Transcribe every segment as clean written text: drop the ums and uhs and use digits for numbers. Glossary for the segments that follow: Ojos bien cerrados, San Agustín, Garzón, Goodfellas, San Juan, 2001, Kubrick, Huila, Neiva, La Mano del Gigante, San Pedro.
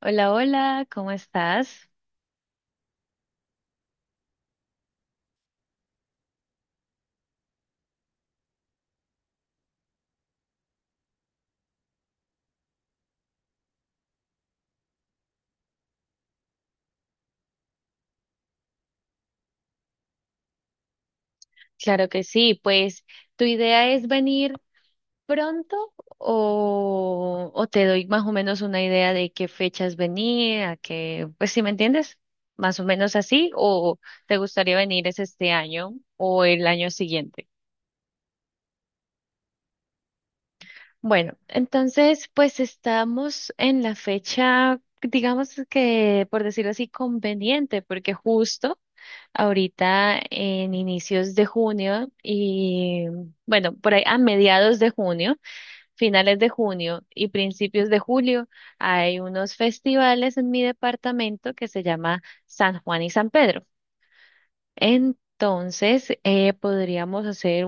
Hola, hola, ¿cómo estás? Claro que sí, pues tu idea es venir pronto o te doy más o menos una idea de qué fechas venir, a qué, pues si me entiendes, más o menos así, o te gustaría venir es este año o el año siguiente. Bueno, entonces pues estamos en la fecha, digamos que por decirlo así, conveniente, porque justo ahorita en inicios de junio y bueno, por ahí a mediados de junio, finales de junio y principios de julio hay unos festivales en mi departamento que se llama San Juan y San Pedro. Entonces, podríamos hacer.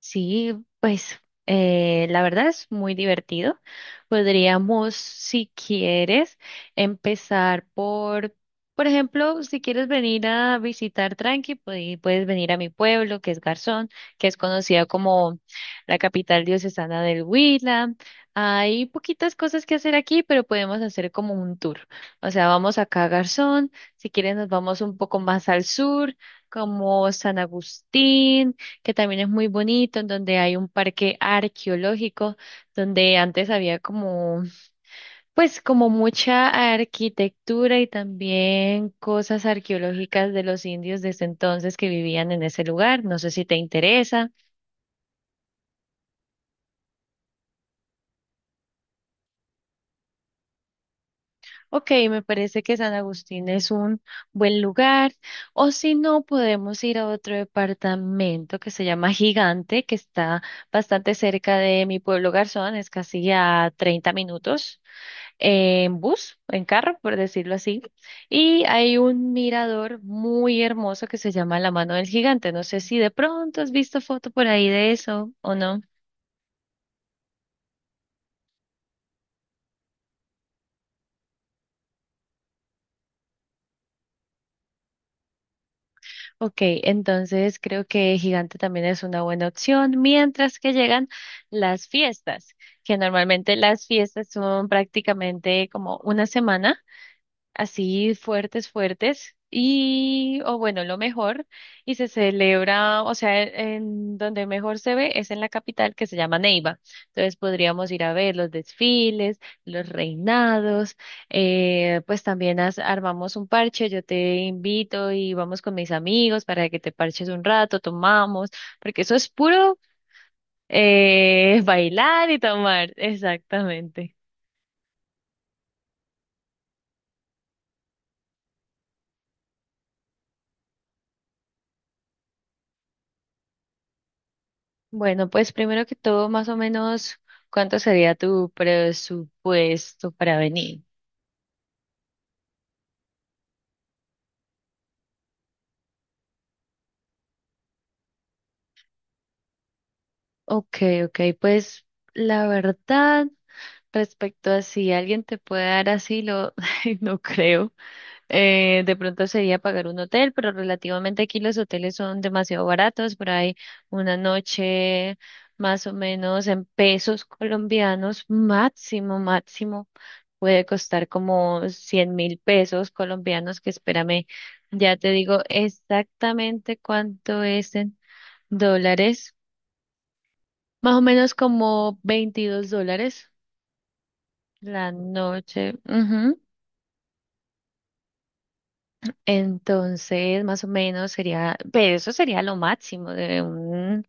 Sí, pues la verdad es muy divertido. Podríamos, si quieres, empezar por ejemplo, si quieres venir a visitar Tranqui, pues, puedes venir a mi pueblo, que es Garzón, que es conocida como la capital diocesana del Huila. Hay poquitas cosas que hacer aquí, pero podemos hacer como un tour. O sea, vamos acá a Garzón, si quieres nos vamos un poco más al sur, como San Agustín, que también es muy bonito, en donde hay un parque arqueológico, donde antes había como, pues como mucha arquitectura y también cosas arqueológicas de los indios desde entonces que vivían en ese lugar. No sé si te interesa. Ok, me parece que San Agustín es un buen lugar. O si no, podemos ir a otro departamento que se llama Gigante, que está bastante cerca de mi pueblo Garzón, es casi a 30 minutos en bus, en carro, por decirlo así, y hay un mirador muy hermoso que se llama La Mano del Gigante. No sé si de pronto has visto foto por ahí de eso o no. Ok, entonces creo que Gigante también es una buena opción, mientras que llegan las fiestas, que normalmente las fiestas son prácticamente como una semana, así fuertes, fuertes, y, o bueno, lo mejor, y se celebra, o sea, en donde mejor se ve es en la capital, que se llama Neiva. Entonces podríamos ir a ver los desfiles, los reinados, pues también armamos un parche, yo te invito y vamos con mis amigos para que te parches un rato, tomamos, porque eso es puro, bailar y tomar, exactamente. Bueno, pues primero que todo, más o menos, ¿cuánto sería tu presupuesto para venir? Ok, ok, pues la verdad, respecto a si alguien te puede dar asilo, no creo. De pronto sería pagar un hotel, pero relativamente aquí los hoteles son demasiado baratos, por ahí una noche, más o menos en pesos colombianos, máximo, máximo, puede costar como 100.000 pesos colombianos, que espérame, ya te digo exactamente cuánto es en dólares, más o menos como $22 la noche. Ujú. Entonces, más o menos sería, pero eso sería lo máximo de un,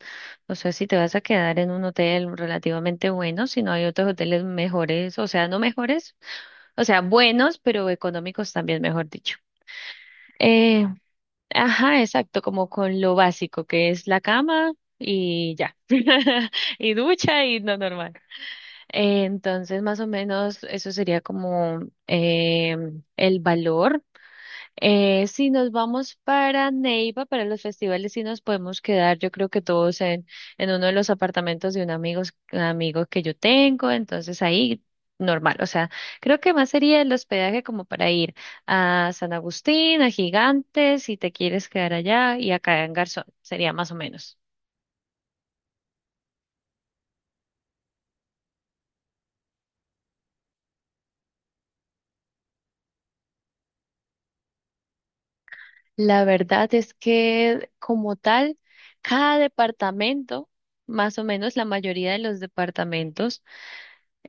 o sea, si te vas a quedar en un hotel relativamente bueno, si no hay otros hoteles mejores, o sea, no mejores, o sea, buenos, pero económicos también, mejor dicho. Eh, ajá, exacto, como con lo básico, que es la cama y ya, y ducha y no, normal. Entonces, más o menos, eso sería como eh, el valor. Si nos vamos para Neiva, para los festivales, sí nos podemos quedar, yo creo que todos en, uno de los apartamentos de un amigo que yo tengo, entonces ahí normal, o sea, creo que más sería el hospedaje como para ir a San Agustín, a Gigantes, si te quieres quedar allá, y acá en Garzón, sería más o menos. La verdad es que como tal, cada departamento, más o menos la mayoría de los departamentos,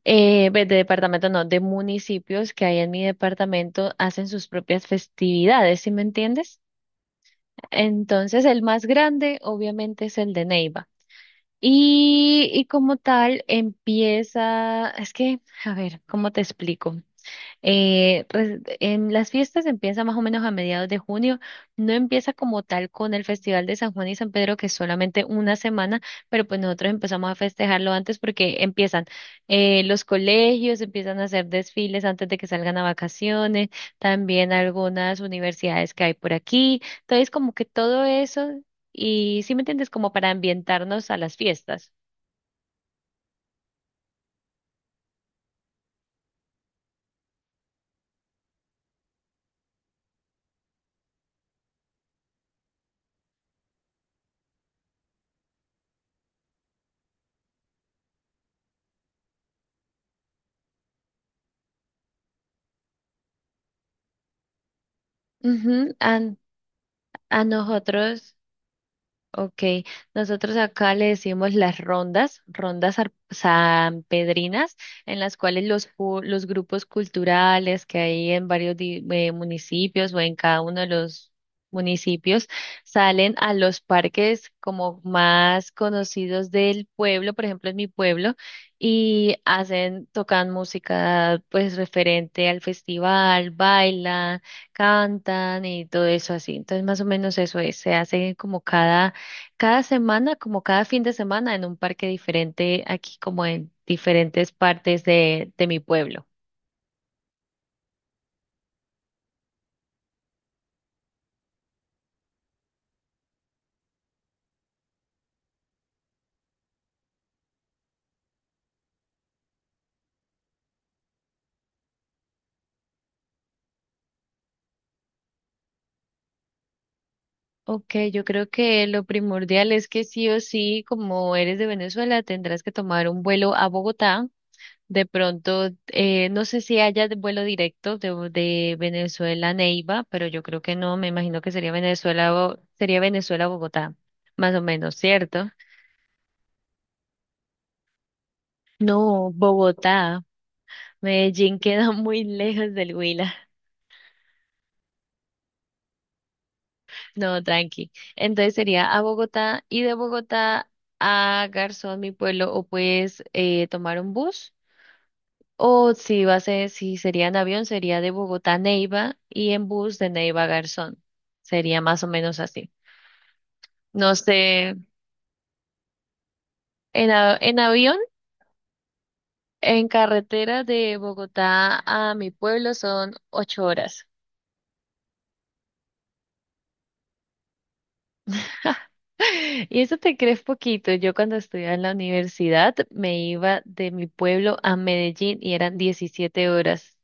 Ve, de departamento no, de municipios que hay en mi departamento, hacen sus propias festividades, ¿sí me entiendes? Entonces, el más grande obviamente es el de Neiva. Y como tal empieza, es que, a ver, ¿cómo te explico? En las fiestas empieza más o menos a mediados de junio, no empieza como tal con el Festival de San Juan y San Pedro, que es solamente una semana, pero pues nosotros empezamos a festejarlo antes porque empiezan los colegios, empiezan a hacer desfiles antes de que salgan a vacaciones, también algunas universidades que hay por aquí, entonces como que todo eso, y si me entiendes, como para ambientarnos a las fiestas. Ujú. A nosotros. Ok, nosotros acá le decimos las rondas sanpedrinas, en las cuales los grupos culturales que hay en varios municipios, o en cada uno de los municipios, salen a los parques como más conocidos del pueblo, por ejemplo, en mi pueblo, y hacen, tocan música, pues, referente al festival, bailan, cantan y todo eso así. Entonces, más o menos eso es, se hace como cada semana, como cada fin de semana, en un parque diferente, aquí como en diferentes partes de mi pueblo. Ok, yo creo que lo primordial es que sí o sí, como eres de Venezuela, tendrás que tomar un vuelo a Bogotá. De pronto, no sé si haya vuelo directo de Venezuela a Neiva, pero yo creo que no, me imagino que sería Venezuela a Bogotá, más o menos, ¿cierto? No, Bogotá. Medellín queda muy lejos del Huila. No, tranqui. Entonces sería a Bogotá y de Bogotá a Garzón, mi pueblo, o puedes tomar un bus. O si va a ser, si sería en avión, sería de Bogotá a Neiva y en bus de Neiva a Garzón. Sería más o menos así. No sé, en avión, en carretera de Bogotá a mi pueblo son 8 horas. Y eso te crees poquito. Yo cuando estudiaba en la universidad me iba de mi pueblo a Medellín y eran 17 horas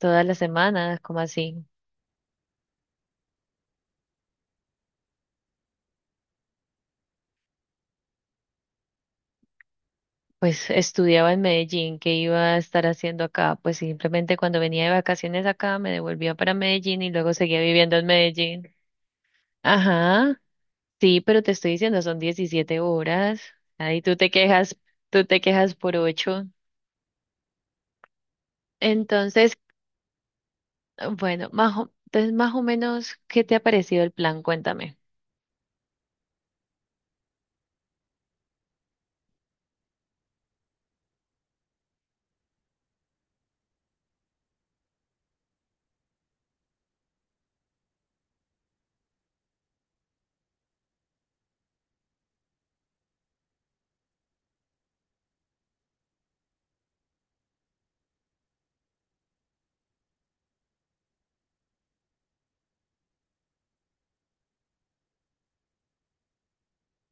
todas las semanas, como así. Pues estudiaba en Medellín, ¿qué iba a estar haciendo acá? Pues simplemente cuando venía de vacaciones acá me devolvía para Medellín y luego seguía viviendo en Medellín. Ajá, sí, pero te estoy diciendo, son 17 horas. Ahí tú te quejas por ocho. Entonces, bueno, entonces más o menos, ¿qué te ha parecido el plan? Cuéntame.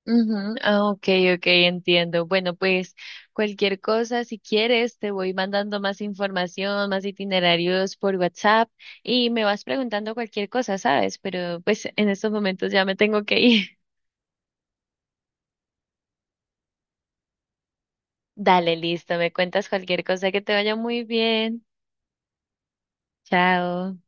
Ujú, ah, ok, ok, entiendo. Bueno, pues cualquier cosa, si quieres, te voy mandando más información, más itinerarios por WhatsApp y me vas preguntando cualquier cosa, ¿sabes? Pero pues en estos momentos ya me tengo que ir. Dale, listo, me cuentas cualquier cosa, que te vaya muy bien. Chao.